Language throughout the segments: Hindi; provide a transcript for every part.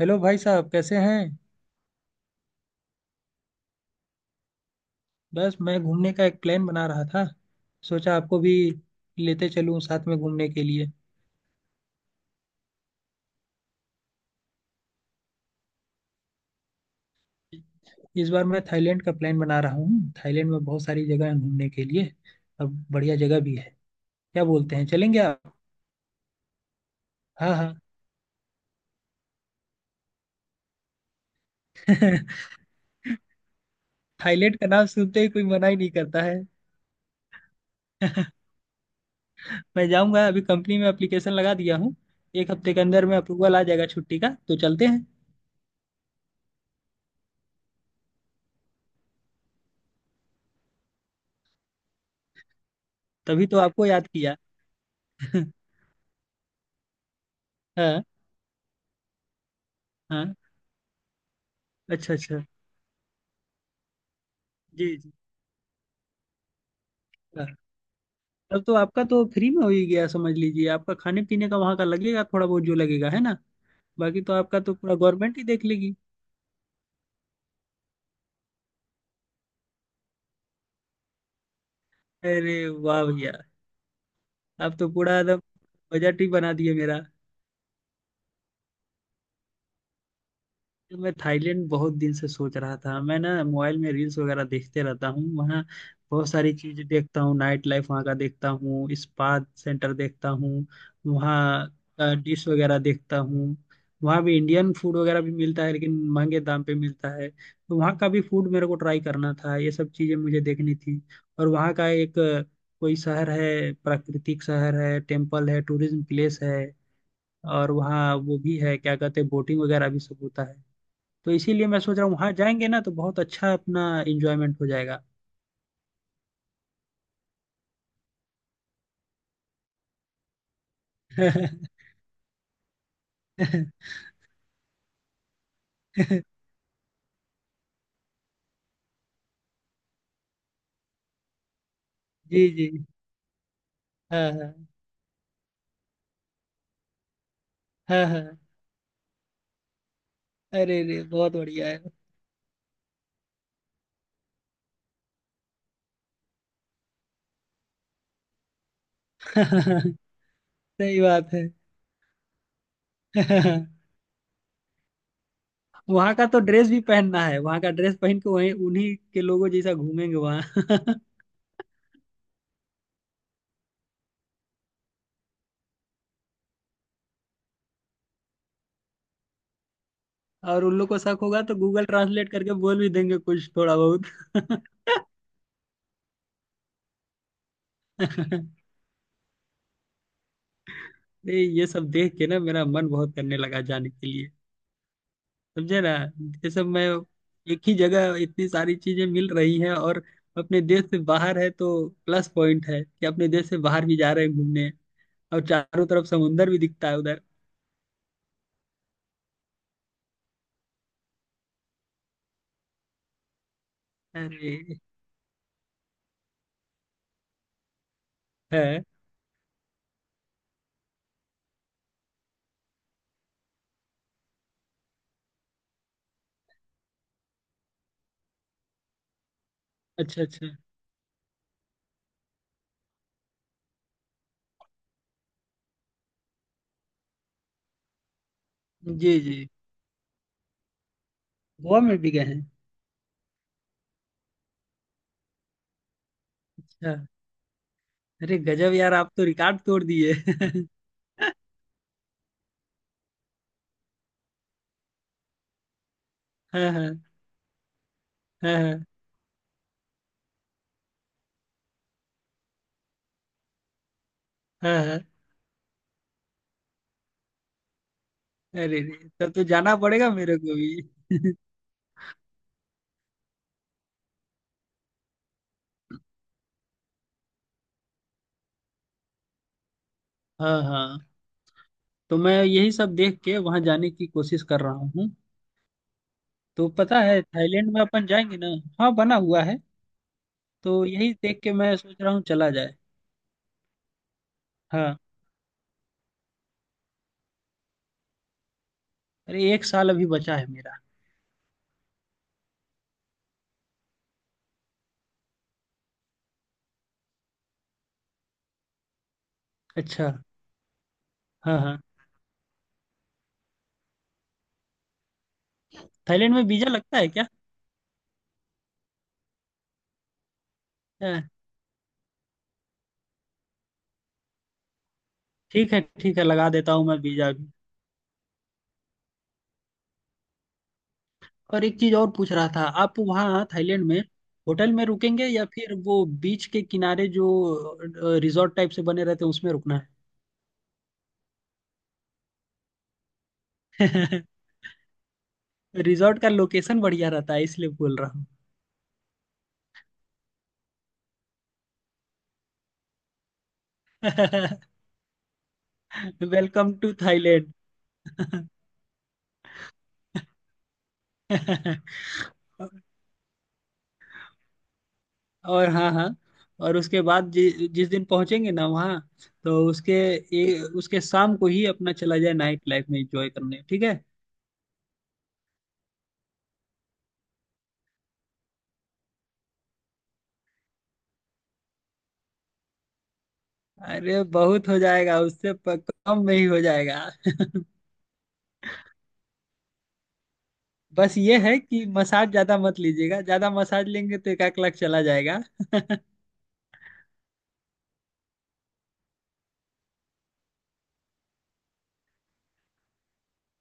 हेलो भाई साहब, कैसे हैं। बस मैं घूमने का एक प्लान बना रहा था। सोचा आपको भी लेते चलूं साथ में घूमने के लिए। इस बार मैं थाईलैंड का प्लान बना रहा हूँ। थाईलैंड में बहुत सारी जगह हैं घूमने के लिए। अब बढ़िया जगह भी है। क्या बोलते हैं, चलेंगे आप? हाँ हाँ। थाईलैंड का नाम सुनते ही कोई मना ही नहीं करता है। मैं जाऊंगा। अभी कंपनी में एप्लीकेशन लगा दिया हूँ। 1 हफ्ते के अंदर में अप्रूवल आ जाएगा छुट्टी का, तो चलते हैं। तभी तो आपको याद किया। हाँ हाँ। अच्छा अच्छा, जी। तब तो आपका तो फ्री में हो ही गया समझ लीजिए। आपका खाने पीने का वहां का लगेगा, थोड़ा बहुत जो लगेगा, है ना। बाकी तो आपका तो पूरा गवर्नमेंट ही देख लेगी। अरे वाह भैया, आप तो पूरा एकदम बजट ही बना दिए मेरा। मैं थाईलैंड बहुत दिन से सोच रहा था। मैं ना मोबाइल में रील्स वगैरह देखते रहता हूँ वहाँ। बहुत सारी चीजें देखता हूँ, नाइट लाइफ वहाँ का देखता हूँ, स्पा सेंटर देखता हूँ, वहाँ डिश वगैरह देखता हूँ। वहाँ भी इंडियन फूड वगैरह भी मिलता है, लेकिन महंगे दाम पे मिलता है। तो वहाँ का भी फूड मेरे को ट्राई करना था, ये सब चीजें मुझे देखनी थी। और वहाँ का एक कोई शहर है, प्राकृतिक शहर है, टेम्पल है, टूरिज्म प्लेस है। और वहाँ वो भी है, क्या कहते हैं, बोटिंग वगैरह भी सब होता है। तो इसीलिए मैं सोच रहा हूँ, वहां जाएंगे ना तो बहुत अच्छा अपना इंजॉयमेंट हो जाएगा। जी जी। हाँ हाँ। हाँ हाँ। अरे रे, बहुत बढ़िया है। सही बात है। वहां का तो ड्रेस भी पहनना है, वहां का ड्रेस पहन के वहीं उन्हीं के लोगों जैसा घूमेंगे वहां। और उन लोग को शक होगा तो गूगल ट्रांसलेट करके बोल भी देंगे कुछ थोड़ा बहुत। नहीं, ये सब देख के ना मेरा मन बहुत करने लगा जाने के। समझे ना। ये सब मैं एक ही जगह इतनी सारी चीजें मिल रही हैं। और अपने देश से बाहर है तो प्लस पॉइंट है कि अपने देश से बाहर भी जा रहे हैं घूमने। और चारों तरफ समुंदर भी दिखता है उधर। अरे। है। अच्छा अच्छा। जी जी। गोवा में भी गए हैं? अच्छा। अरे गजब यार, आप तो रिकॉर्ड तोड़ दिए। हाँ हाँ। हाँ हाँ हाँ। अरे रे, तब तो जाना पड़ेगा मेरे को भी। हाँ हाँ। तो मैं यही सब देख के वहां जाने की कोशिश कर रहा हूँ। तो पता है थाईलैंड में अपन जाएंगे ना। हाँ, बना हुआ है। तो यही देख के मैं सोच रहा हूँ, चला जाए। हाँ। अरे 1 साल अभी बचा है मेरा। अच्छा। हाँ हाँ। थाईलैंड में वीजा लगता है क्या? हाँ, ठीक है ठीक है, लगा देता हूँ मैं वीजा भी। और एक चीज और पूछ रहा था, आप वहाँ थाईलैंड में होटल में रुकेंगे या फिर वो बीच के किनारे जो रिजॉर्ट टाइप से बने रहते हैं उसमें रुकना है। रिजॉर्ट का लोकेशन बढ़िया रहता है, इसलिए बोल रहा हूँ। Welcome to Thailand. और हाँ हाँ। और उसके बाद जिस दिन पहुंचेंगे ना वहाँ, तो उसके ये उसके शाम को ही अपना चला जाए नाइट लाइफ में एंजॉय करने, ठीक है। अरे बहुत हो जाएगा उससे कम में ही हो जाएगा। बस ये है कि मसाज ज्यादा मत लीजिएगा, ज्यादा मसाज लेंगे तो एक आध लाख चला जाएगा।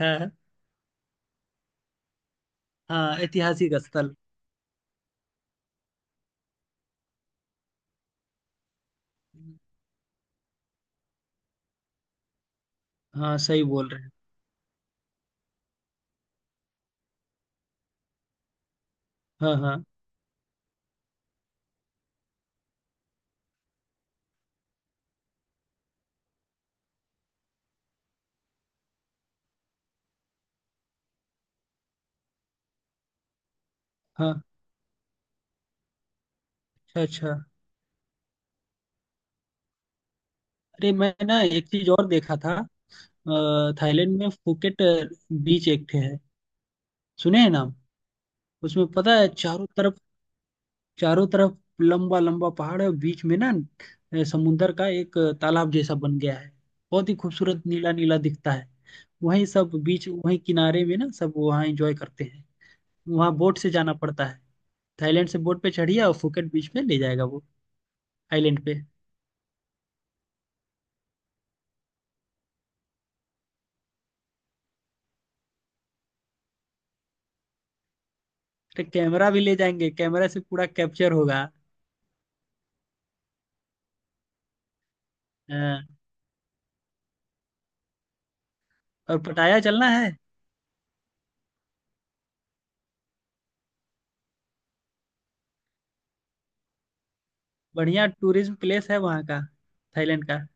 हाँ हाँ। ऐतिहासिक स्थल। हाँ सही बोल रहे हैं। हाँ हाँ हाँ। अच्छा अच्छा। अरे मैं ना एक चीज और देखा था। थाईलैंड में फुकेट बीच एक ठे है। सुने हैं नाम? उसमें पता है चारों तरफ, चारों तरफ लंबा लंबा पहाड़ है। और बीच में ना समुंदर का एक तालाब जैसा बन गया है। बहुत ही खूबसूरत नीला नीला दिखता है। वहीं सब बीच, वहीं किनारे में ना सब वहाँ एंजॉय करते हैं। वहाँ बोट से जाना पड़ता है। थाईलैंड से बोट पे चढ़िए और फुकेट बीच में ले जाएगा वो आइलैंड पे। तो कैमरा भी ले जाएंगे, कैमरा से पूरा कैप्चर होगा। हाँ। और पटाया चलना है। बढ़िया टूरिज्म प्लेस है वहाँ का, थाईलैंड का।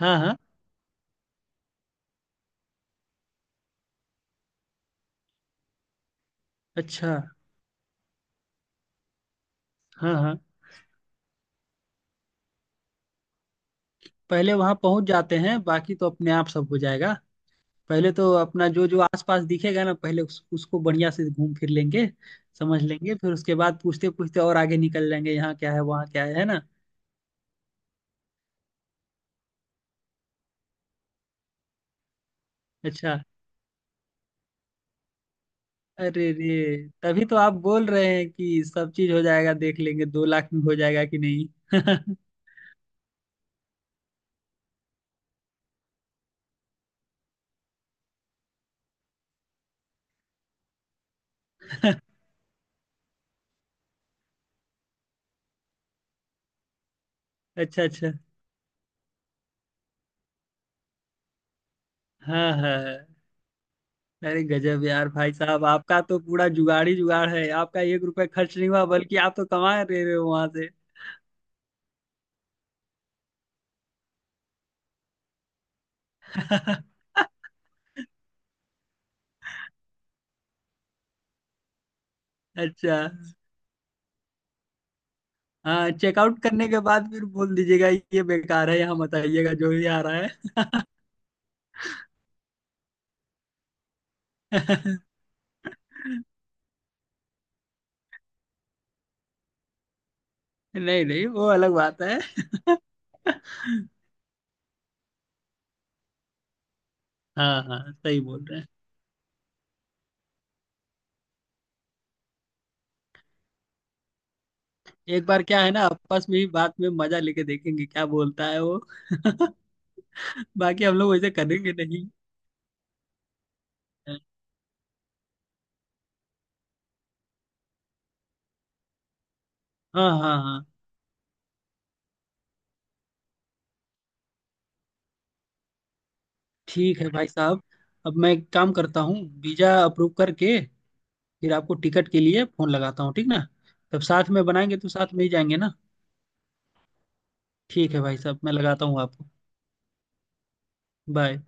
हाँ हाँ। अच्छा। हाँ हाँ। पहले वहां पहुंच जाते हैं, बाकी तो अपने आप सब हो जाएगा। पहले तो अपना जो जो आसपास दिखेगा ना, पहले उसको बढ़िया से घूम फिर लेंगे। समझ लेंगे, फिर उसके बाद पूछते पूछते और आगे निकल जाएंगे यहाँ क्या है वहाँ क्या है ना। अच्छा। अरे रे, तभी तो आप बोल रहे हैं कि सब चीज हो जाएगा। देख लेंगे 2 लाख में हो जाएगा कि नहीं। अच्छा अच्छा। हाँ हाँ हाँ। अरे गजब यार भाई साहब, आपका तो पूरा जुगाड़ ही जुगाड़ है। आपका 1 रुपया खर्च नहीं हुआ, बल्कि आप तो कमा रहे हो वहां से। अच्छा। हाँ, चेकआउट करने के बाद फिर बोल दीजिएगा, ये बेकार है यहाँ मत आइएगा जो भी आ रहा है। नहीं नहीं, वो अलग बात है। हाँ हाँ सही बोल रहे हैं। एक बार क्या है ना, आपस में ही बात में मजा लेके देखेंगे क्या बोलता है वो। बाकी हम लोग वैसे करेंगे नहीं। हाँ हाँ हाँ। ठीक है भाई साहब। अब मैं एक काम करता हूँ, वीजा अप्रूव करके फिर आपको टिकट के लिए फोन लगाता हूँ, ठीक ना। तब साथ में बनाएंगे तो साथ में ही जाएंगे ना। ठीक है भाई साहब, मैं लगाता हूँ आपको। बाय।